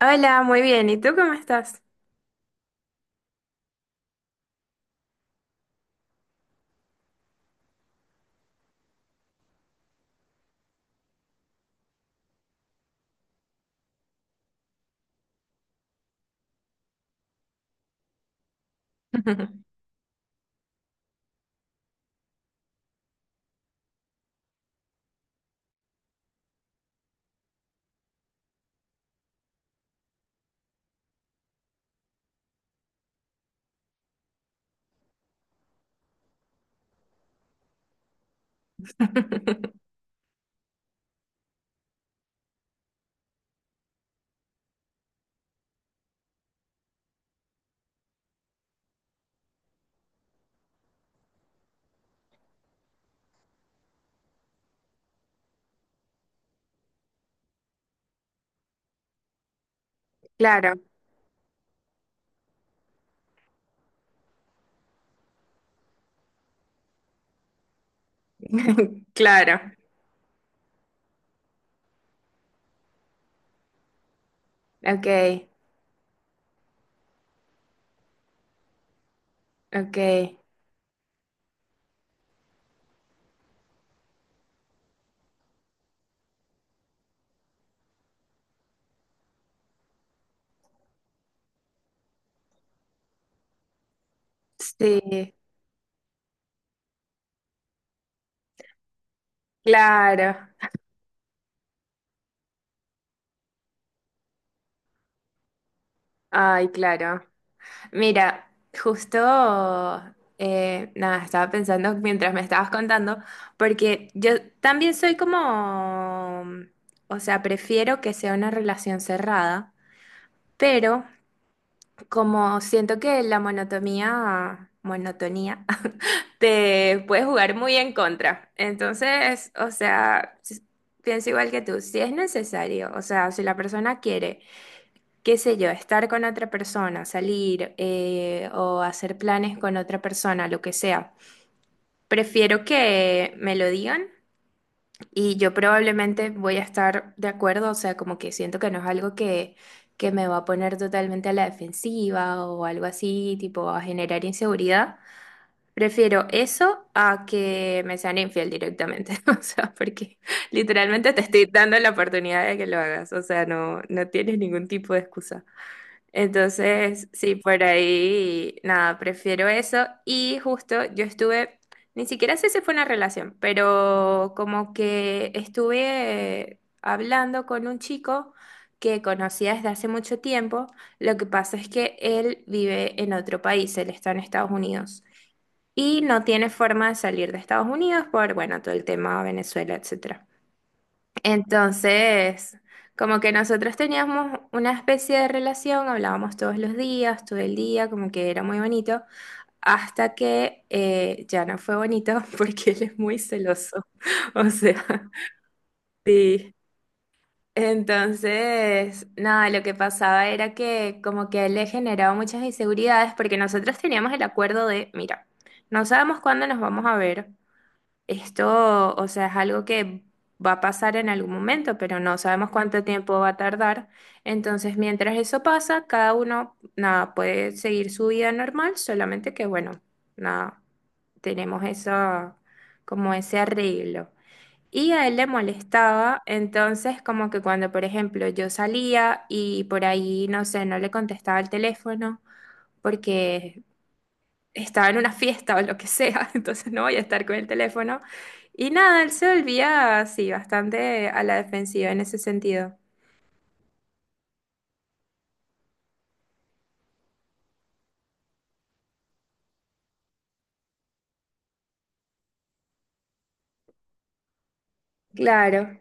Hola, muy bien. ¿Y tú cómo estás? Claro, claro. Ok, ok. Sí, claro. Ay, claro. Mira, justo, nada, estaba pensando mientras me estabas contando, porque yo también soy como, o sea, prefiero que sea una relación cerrada, pero como siento que la monotonía te puede jugar muy en contra. Entonces, o sea, pienso igual que tú, si es necesario, o sea, si la persona quiere, qué sé yo, estar con otra persona, salir o hacer planes con otra persona, lo que sea, prefiero que me lo digan y yo probablemente voy a estar de acuerdo, o sea, como que siento que no es algo que me va a poner totalmente a la defensiva o algo así, tipo a generar inseguridad. Prefiero eso a que me sean infiel directamente, o sea, porque literalmente te estoy dando la oportunidad de que lo hagas, o sea, no tienes ningún tipo de excusa. Entonces, sí, por ahí, nada, prefiero eso. Y justo yo estuve, ni siquiera sé si fue una relación, pero como que estuve hablando con un chico que conocía desde hace mucho tiempo. Lo que pasa es que él vive en otro país, él está en Estados Unidos y no tiene forma de salir de Estados Unidos por, bueno, todo el tema Venezuela, etcétera. Entonces, como que nosotros teníamos una especie de relación, hablábamos todos los días, todo el día, como que era muy bonito, hasta que ya no fue bonito porque él es muy celoso. O sea, sí. Entonces, nada, lo que pasaba era que como que a él le generaba muchas inseguridades porque nosotros teníamos el acuerdo de, mira, no sabemos cuándo nos vamos a ver. Esto, o sea, es algo que va a pasar en algún momento, pero no sabemos cuánto tiempo va a tardar. Entonces, mientras eso pasa, cada uno, nada, puede seguir su vida normal, solamente que, bueno, nada, tenemos eso, como ese arreglo. Y a él le molestaba, entonces como que cuando, por ejemplo, yo salía y por ahí, no sé, no le contestaba el teléfono porque estaba en una fiesta o lo que sea, entonces no voy a estar con el teléfono. Y nada, él se volvía así, bastante a la defensiva en ese sentido. Claro.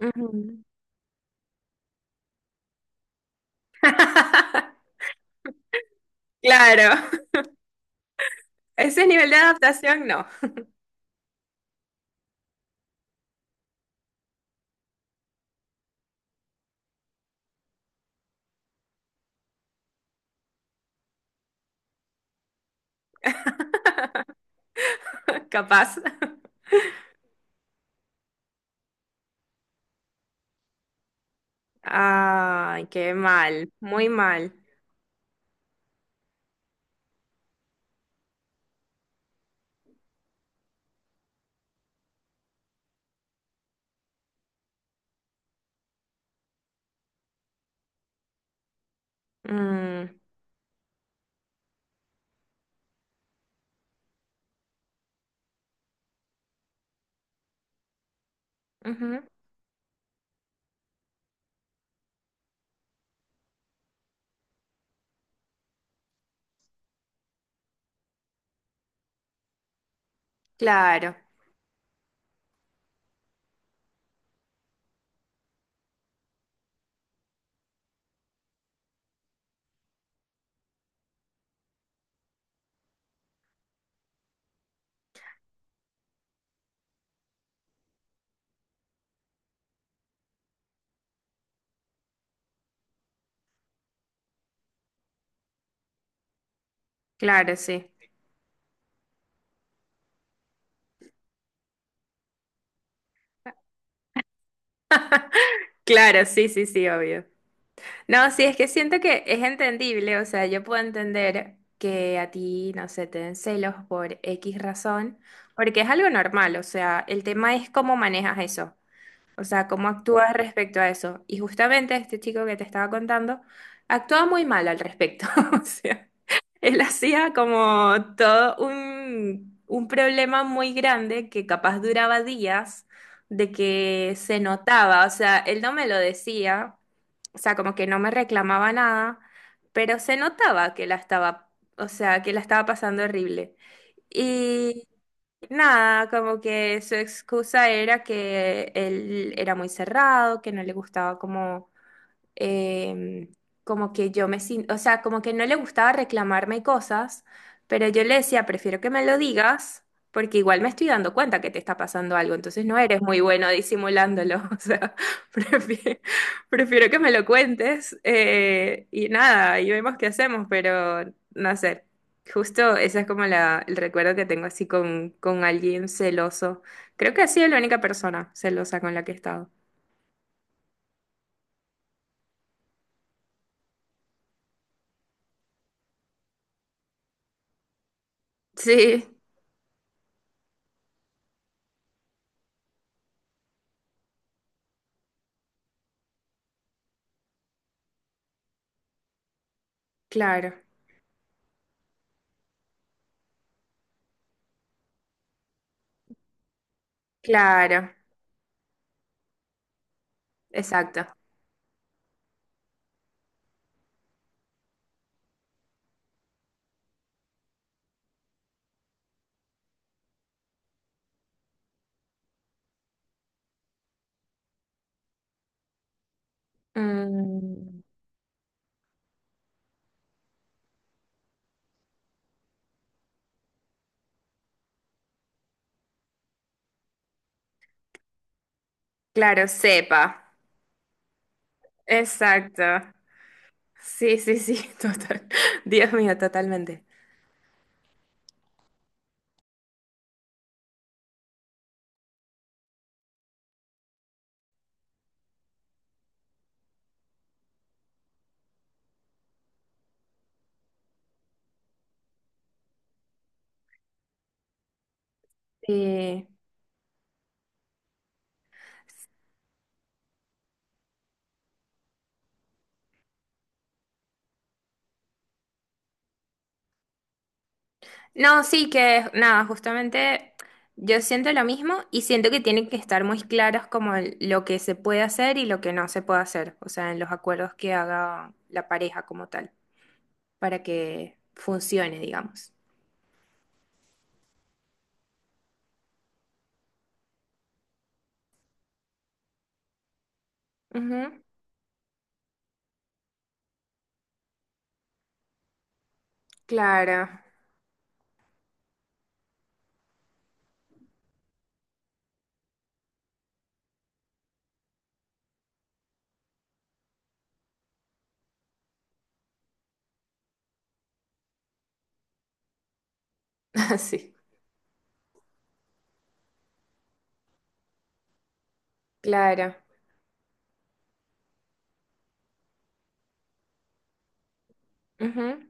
Ujú. Claro. Ese nivel de adaptación no, capaz. Ay, qué mal, muy mal. Mm, ujú. Claro, claro, sí. Claro, sí, sí, sí, obvio. No, sí, es que siento que es entendible, o sea, yo puedo entender que a ti, no sé, te den celos por X razón, porque es algo normal, o sea, el tema es cómo manejas eso, o sea, cómo actúas respecto a eso. Y justamente este chico que te estaba contando actuaba muy mal al respecto, o sea, él hacía como todo un problema muy grande que capaz duraba días de que se notaba, o sea, él no me lo decía, o sea, como que no me reclamaba nada, pero se notaba que la estaba, o sea, que la estaba pasando horrible. Y nada, como que su excusa era que él era muy cerrado, que no le gustaba como eh, como que yo me siento, o sea, como que no le gustaba reclamarme cosas, pero yo le decía, prefiero que me lo digas, porque igual me estoy dando cuenta que te está pasando algo, entonces no eres muy bueno disimulándolo, o sea, prefiero, prefiero que me lo cuentes y nada, y vemos qué hacemos, pero no sé. Justo ese es como la, el recuerdo que tengo así con alguien celoso. Creo que ha sido la única persona celosa con la que he estado. Sí, claro, claro. Exacto. Mm, claro, sepa. Exacto. Sí, sí, sí, total. Dios mío, totalmente. Sí. No, sí que nada, justamente yo siento lo mismo y siento que tienen que estar muy claros como lo que se puede hacer y lo que no se puede hacer, o sea, en los acuerdos que haga la pareja como tal, para que funcione, digamos. Ujú. Claro, sí, claro. Ujú.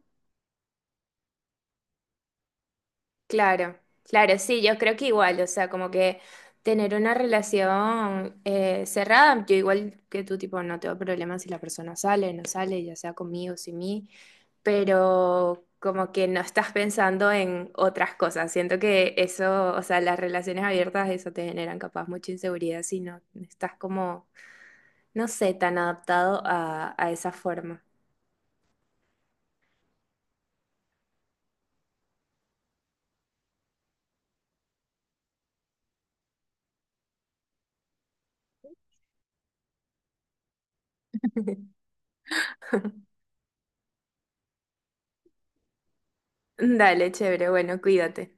Claro, claro, sí, yo creo que igual, o sea, como que tener una relación cerrada, yo igual que tú, tipo, no tengo problema si la persona sale, no sale, ya sea conmigo, sin mí, pero como que no estás pensando en otras cosas. Siento que eso, o sea, las relaciones abiertas, eso te generan capaz mucha inseguridad si no estás como, no sé, tan adaptado a esa forma. Dale, chévere, bueno, cuídate.